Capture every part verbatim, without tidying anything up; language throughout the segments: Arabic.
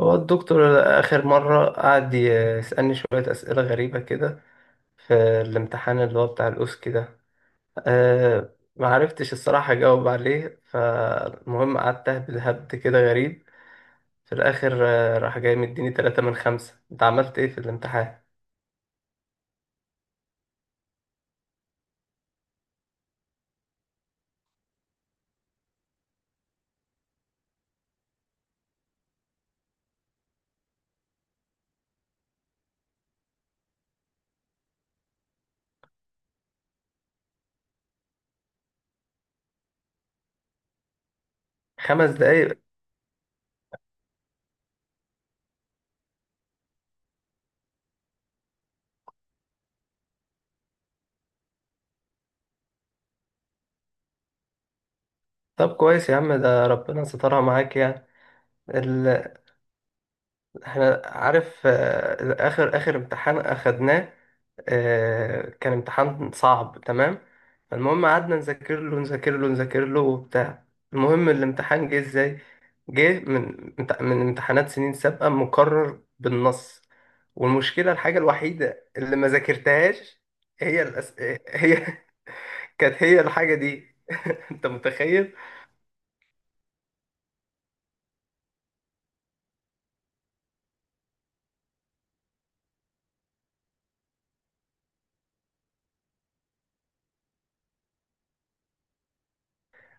هو الدكتور آخر مرة قعد يسألني شوية أسئلة غريبة كده في الامتحان اللي هو بتاع الأوسكي ده. أه، معرفتش الصراحة أجاوب عليه. فالمهم قعدت أهبد هبد كده غريب في الآخر. آه، راح جاي مديني تلاتة من خمسة، أنت عملت إيه في الامتحان؟ خمس دقايق؟ طب كويس يا عم، ده ربنا سترها معاك يعني. ال... احنا عارف، آه، آخر آخر امتحان أخدناه، آه، كان امتحان صعب تمام. المهم قعدنا نذاكر له نذاكر له نذاكر له وبتاع. المهم الامتحان جه ازاي؟ جه من من امتحانات سنين سابقة مكرر بالنص. والمشكلة الحاجة الوحيدة اللي ما ذاكرتهاش هي الأس... هي كانت هي الحاجة دي. انت متخيل؟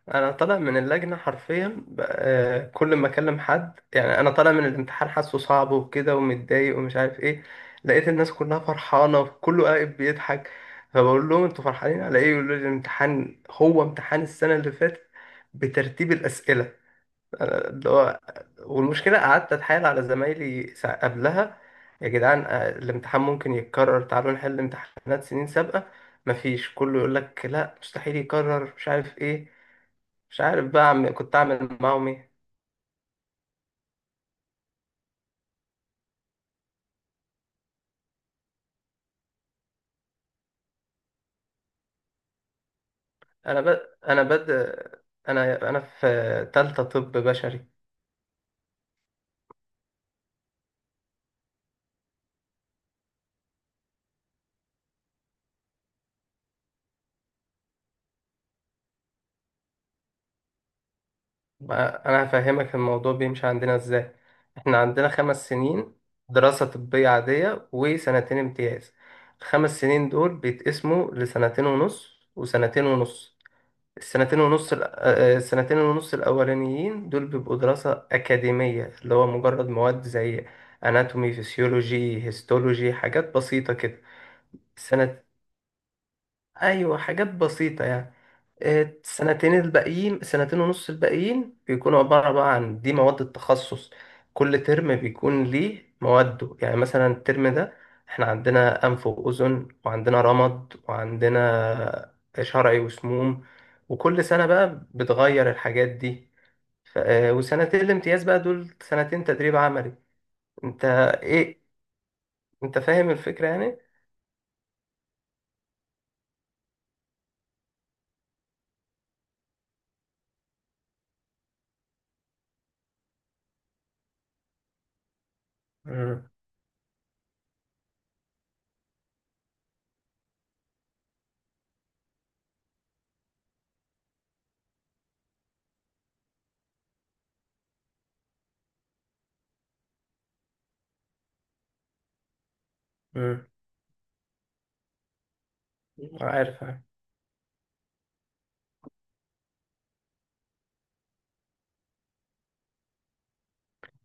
انا طالع من اللجنه حرفيا ب- آه، كل ما اكلم حد يعني، انا طالع من الامتحان حاسه صعب وكده ومتضايق ومش عارف ايه، لقيت الناس كلها فرحانه وكله قاعد بيضحك. فبقول لهم انتوا فرحانين على ايه؟ يقولوا لي الامتحان هو امتحان السنه اللي فاتت بترتيب الاسئله. أنا اللي هو والمشكله قعدت اتحايل على زمايلي سا- قبلها، يا جدعان آه، الامتحان ممكن يتكرر، تعالوا نحل امتحانات سنين سابقه. مفيش، كله يقول لك لا مستحيل يكرر مش عارف ايه. مش عارف بقى عم كنت أعمل معاهم إيه. أنا بد... أنا بد... أنا أنا في تالتة طب بشري. بقى أنا هفهمك الموضوع بيمشي عندنا إزاي. إحنا عندنا خمس سنين دراسة طبية عادية وسنتين امتياز. الخمس سنين دول بيتقسموا لسنتين ونص وسنتين ونص. السنتين ونص الأ- آه، آه، السنتين ونص الأولانيين دول بيبقوا دراسة أكاديمية، اللي هو مجرد مواد زي أناتومي، فيسيولوجي، هيستولوجي، حاجات بسيطة كده. السنة ايوه حاجات بسيطه يعني. آه، السنتين الباقيين، سنتين ونص الباقيين، بيكونوا عباره بقى عن دي مواد التخصص. كل ترم بيكون ليه مواده، يعني مثلا الترم ده احنا عندنا انف واذن، وعندنا رمد، وعندنا شرعي وسموم. وكل سنه بقى بتغير الحاجات دي. ف- آه، وسنتين الامتياز بقى دول سنتين تدريب عملي. انت ايه، انت فاهم الفكره يعني؟ امم امم عارف عارف.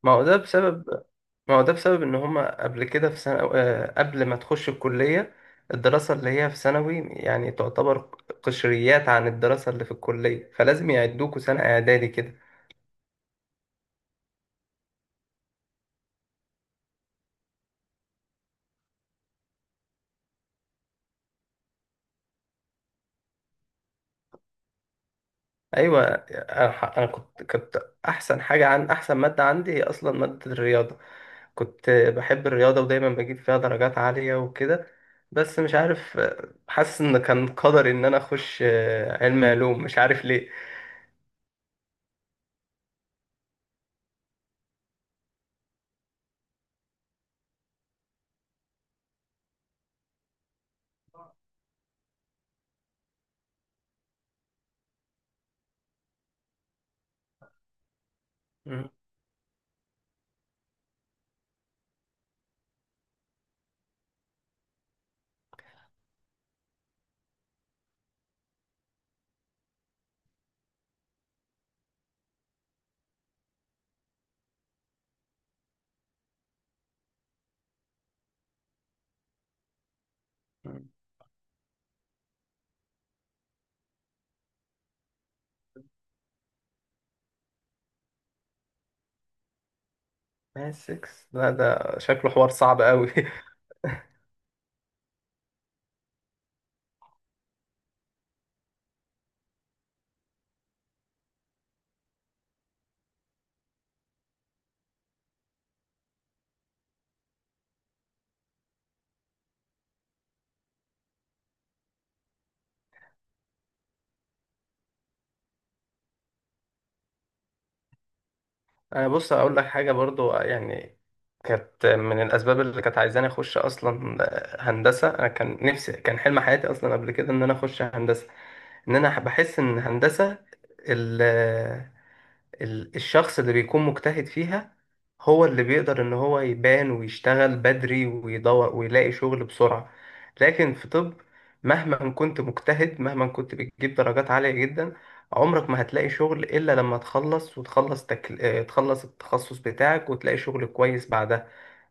ما هو ده بسبب ما هو ده بسبب ان هما قبل كده في سنة، آه، قبل ما تخش الكلية، الدراسة اللي هي في ثانوي يعني تعتبر قشريات عن الدراسة اللي في الكلية، فلازم يعدوكوا سنة اعدادي كده. ايوه، انا ح- أنا كنت كنت احسن حاجة عن احسن مادة عندي هي اصلا مادة الرياضة. كنت بحب الرياضة ودايما بجيب فيها درجات عالية وكده. بس مش عارف، آه، حاسس ان كان قدري ان انا اخش آه، علم علوم مش عارف ليه. مم. مم. ماس ستة؟ لا ده شكله حوار صعب قوي. أه بص اقول لك حاجه برضو، آه، يعني كانت من الاسباب اللي كانت عايزاني اخش اصلا آه، هندسه. انا كان نفسي، كان حلم حياتي اصلا قبل كده ان انا اخش هندسه. ان انا بحس ان هندسه ال- ال- الشخص اللي بيكون مجتهد فيها هو اللي بيقدر ان هو يبان ويشتغل بدري ويدور ويلاقي شغل بسرعة. لكن في طب، مهما كنت مجتهد، مهما كنت بتجيب درجات عالية جدا، عمرك ما هتلاقي شغل إلا لما تخلص، وتخلص تكل... آه، تخلص التخصص بتاعك وتلاقي شغل كويس بعدها.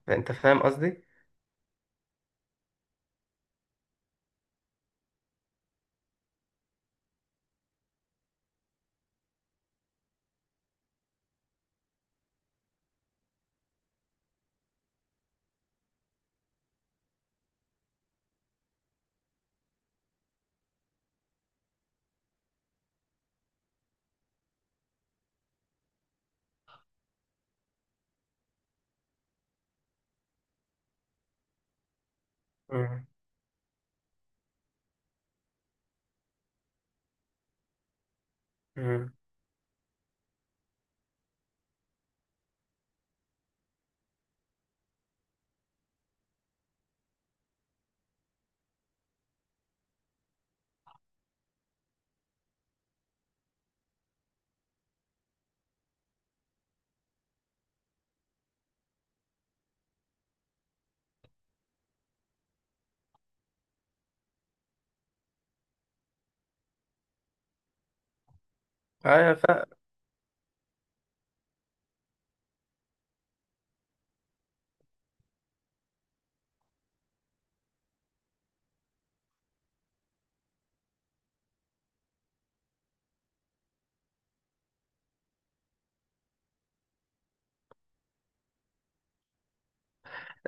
فأنت فاهم قصدي؟ مم. مم. أيوة فا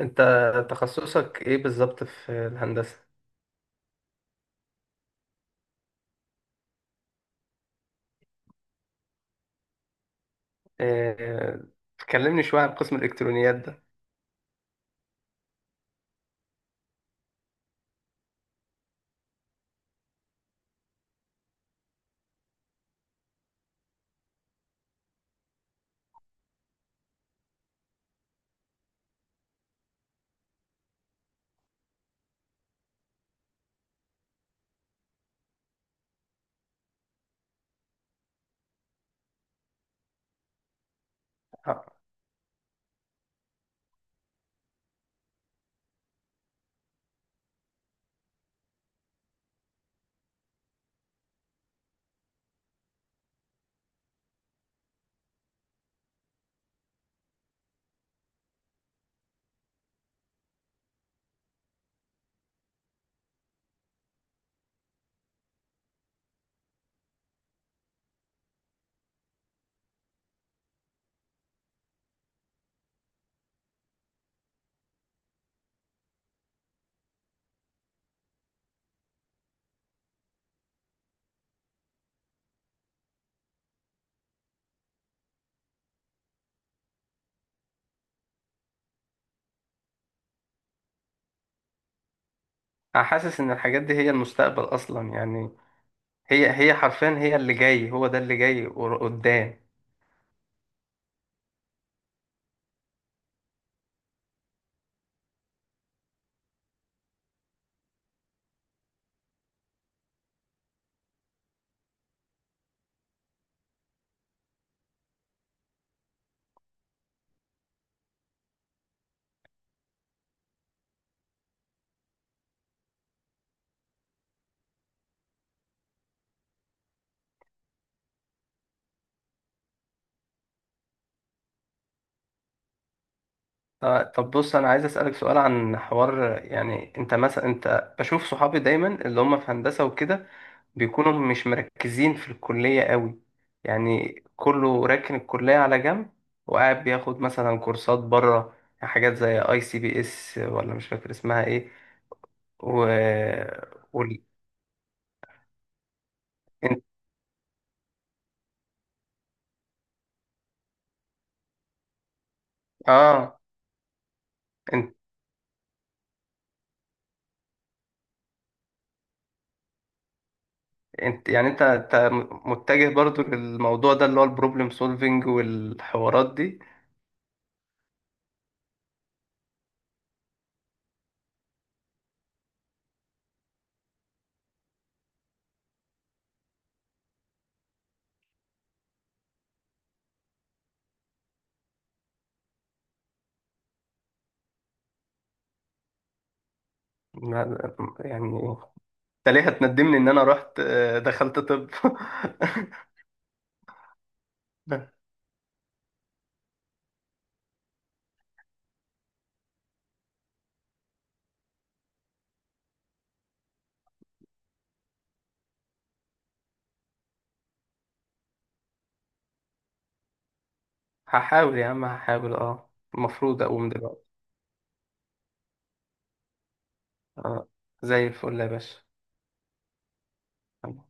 أنت تخصصك إيه بالظبط في الهندسة؟ آه، كلمني شوية عن قسم الإلكترونيات ده. حاسس ان الحاجات دي هي المستقبل اصلا يعني. هي هي حرفيا هي اللي جاي، هو ده اللي جاي ور- قدام. آه، طب بص انا عايز اسالك سؤال عن حوار، يعني انت مثلا انت بشوف صحابي دايما اللي هم في هندسه وكده بيكونوا مش مركزين في الكليه قوي، يعني كله راكن الكليه على جنب وقاعد بياخد مثلا كورسات بره، حاجات زي اي سي بي اس، ولا مش فاكر اسمها ايه و... وال... اه. انت يعني انت انت متجه برضو للموضوع ده اللي هو البروبلم سولفينج والحوارات دي؟ ما- يعني انت ليه هتندمني ان انا رحت آه، دخلت طب؟ هحاول يا عم، هحاول، اه. المفروض اقوم دلوقتي. اه، زي الفل يا باشا.